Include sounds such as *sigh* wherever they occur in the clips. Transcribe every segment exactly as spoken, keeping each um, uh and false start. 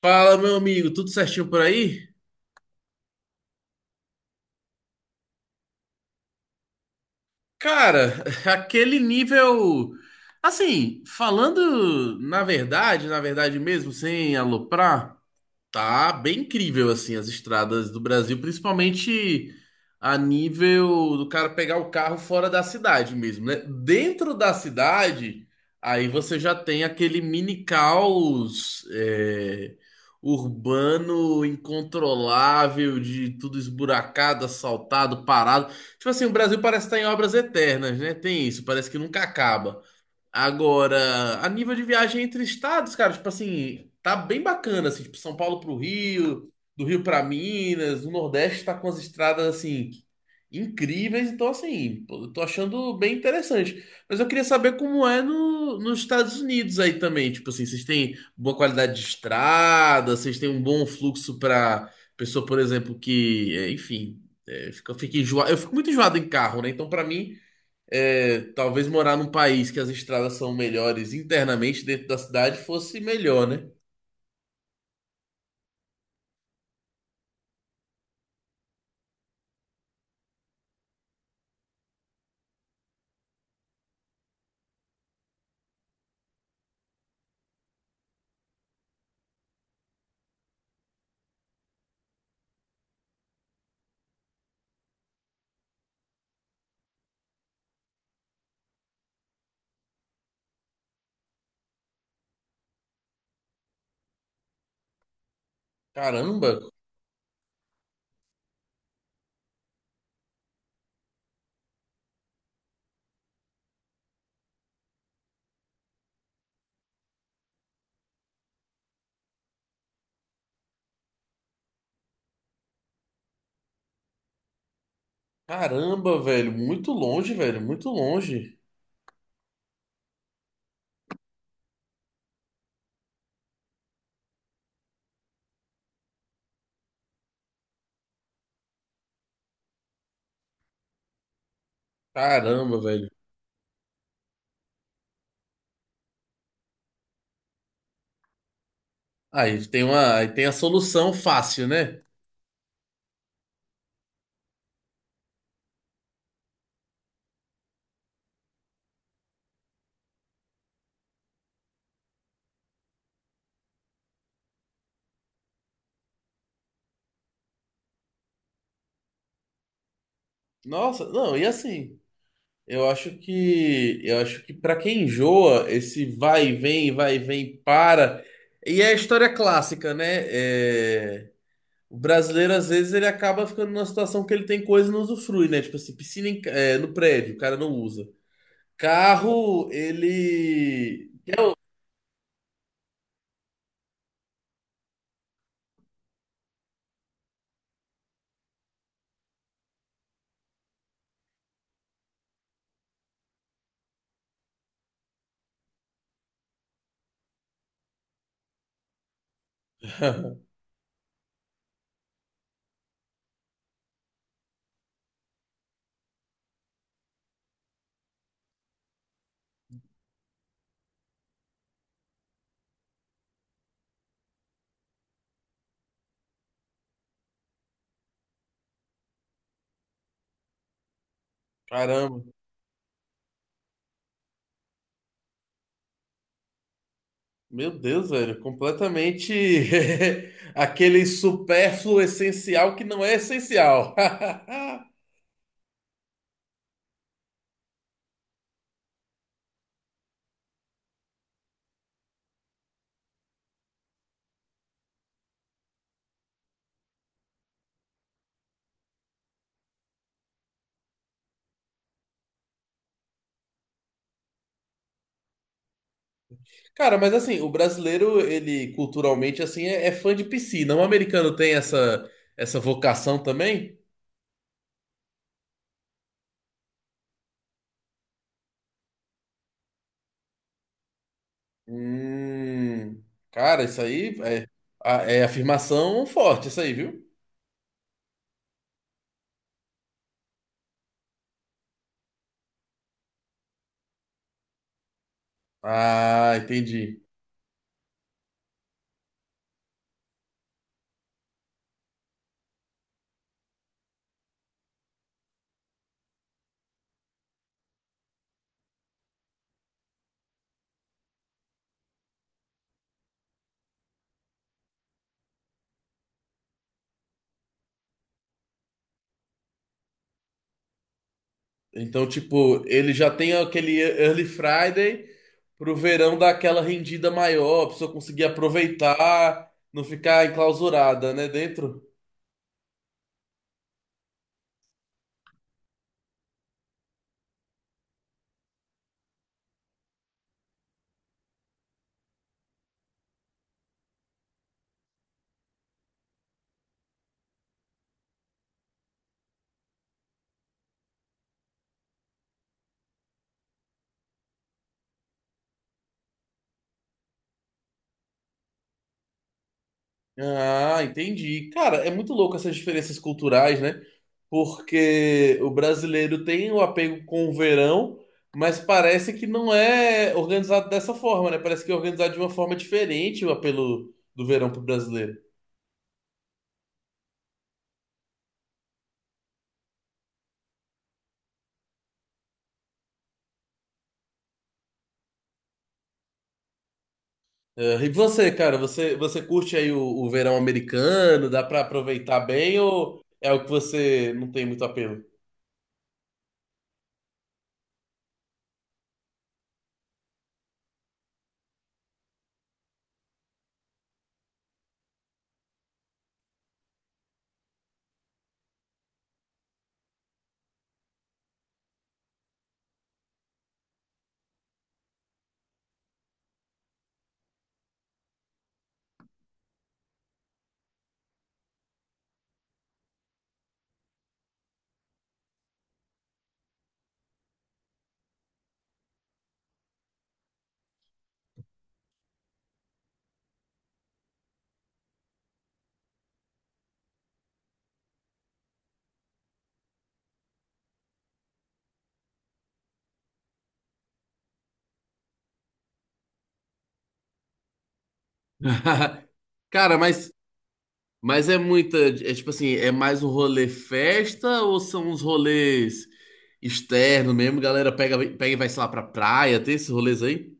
Fala, meu amigo, tudo certinho por aí? Cara, *laughs* aquele nível. Assim, falando na verdade, na verdade mesmo, sem aloprar. Tá bem incrível, assim, as estradas do Brasil, principalmente a nível do cara pegar o carro fora da cidade mesmo, né? Dentro da cidade, aí você já tem aquele mini caos é, urbano incontrolável, de tudo esburacado, assaltado, parado. Tipo assim, o Brasil parece estar em obras eternas, né? Tem isso, parece que nunca acaba. Agora, a nível de viagem entre estados, cara, tipo assim, tá bem bacana, assim, tipo São Paulo pro Rio, do Rio pra Minas, o Nordeste tá com as estradas, assim, incríveis, então, assim, pô, eu tô achando bem interessante. Mas eu queria saber como é no, nos Estados Unidos aí também, tipo assim, vocês têm boa qualidade de estrada, vocês têm um bom fluxo pra pessoa, por exemplo, que, é, enfim, é, fica, fica enjoa... eu fico muito enjoado em carro, né? Então, pra mim é, talvez morar num país que as estradas são melhores internamente dentro da cidade fosse melhor, né? Caramba, caramba, velho, muito longe, velho, muito longe. Caramba, velho. Aí tem uma, aí tem a solução fácil, né? Nossa, não, e assim, eu acho que eu acho que para quem enjoa esse vai e vem, vai e vem, para. E é a história clássica, né? É, o brasileiro, às vezes, ele acaba ficando numa situação que ele tem coisa e não usufrui, né? Tipo assim, piscina em ca- é, no prédio, o cara não usa. Carro, ele. Caramba. Meu Deus, velho. Completamente *laughs* aquele supérfluo essencial que não é essencial. *laughs* Cara, mas assim, o brasileiro, ele culturalmente, assim, é, é fã de piscina. O americano tem essa, essa vocação também? Hum, cara, isso aí é, a- é afirmação forte, isso aí, viu? Ah, entendi. Então, tipo, ele já tem aquele Early Friday pro verão dar aquela rendida maior, a pessoa conseguir aproveitar, não ficar enclausurada, né, dentro. Ah, entendi. Cara, é muito louco essas diferenças culturais, né? Porque o brasileiro tem o apego com o verão, mas parece que não é organizado dessa forma, né? Parece que é organizado de uma forma diferente o apelo do verão pro brasileiro. Ah, e você, cara, você, você curte aí o, o verão americano? Dá pra aproveitar bem ou é o que você não tem muito apelo? *laughs* Cara, mas Mas é muita, é tipo assim, é mais um rolê festa ou são uns rolês externos mesmo? Galera pega, pega e vai, sei lá, pra praia, tem esses rolês aí?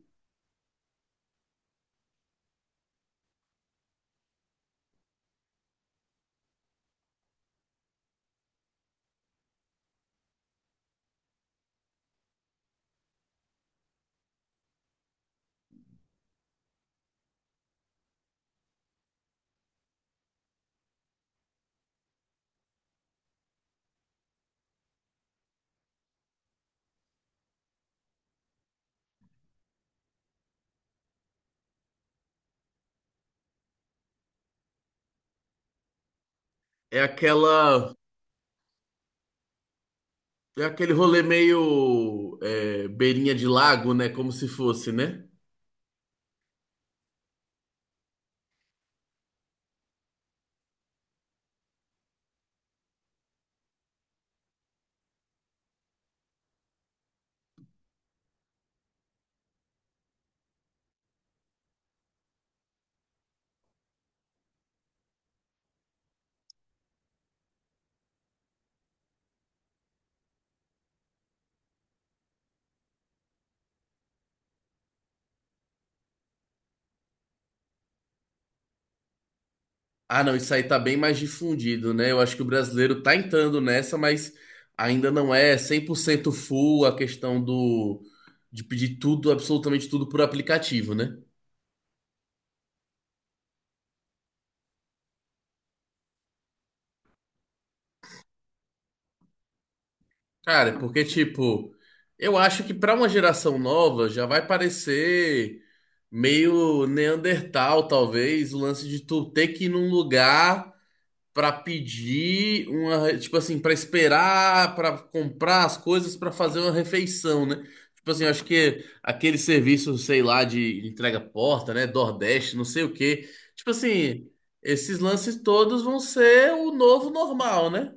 É aquela, é aquele rolê meio é, beirinha de lago, né? Como se fosse, né? Ah, não, isso aí tá bem mais difundido, né? Eu acho que o brasileiro tá entrando nessa, mas ainda não é cem por cento full a questão do, de pedir tudo, absolutamente tudo por aplicativo, né? Cara, é porque, tipo, eu acho que pra uma geração nova já vai parecer meio Neandertal, talvez, o lance de tu ter que ir num lugar pra pedir uma, tipo assim, pra esperar, pra comprar as coisas, pra fazer uma refeição, né? Tipo assim, eu acho que aquele serviço, sei lá, de entrega porta, né, Nordeste, não sei o quê. Tipo assim, esses lances todos vão ser o novo normal, né?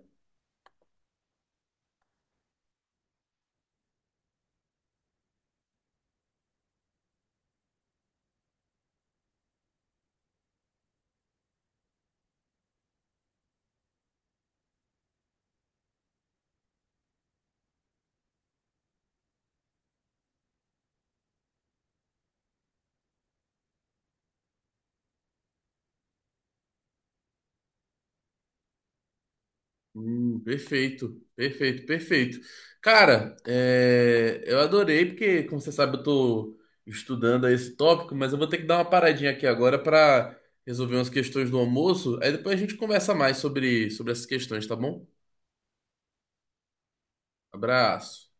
Hum, perfeito, perfeito, perfeito. Cara, é, eu adorei, porque, como você sabe, eu tô estudando esse tópico, mas eu vou ter que dar uma paradinha aqui agora para resolver umas questões do almoço. Aí depois a gente conversa mais sobre, sobre essas questões, tá bom? Abraço.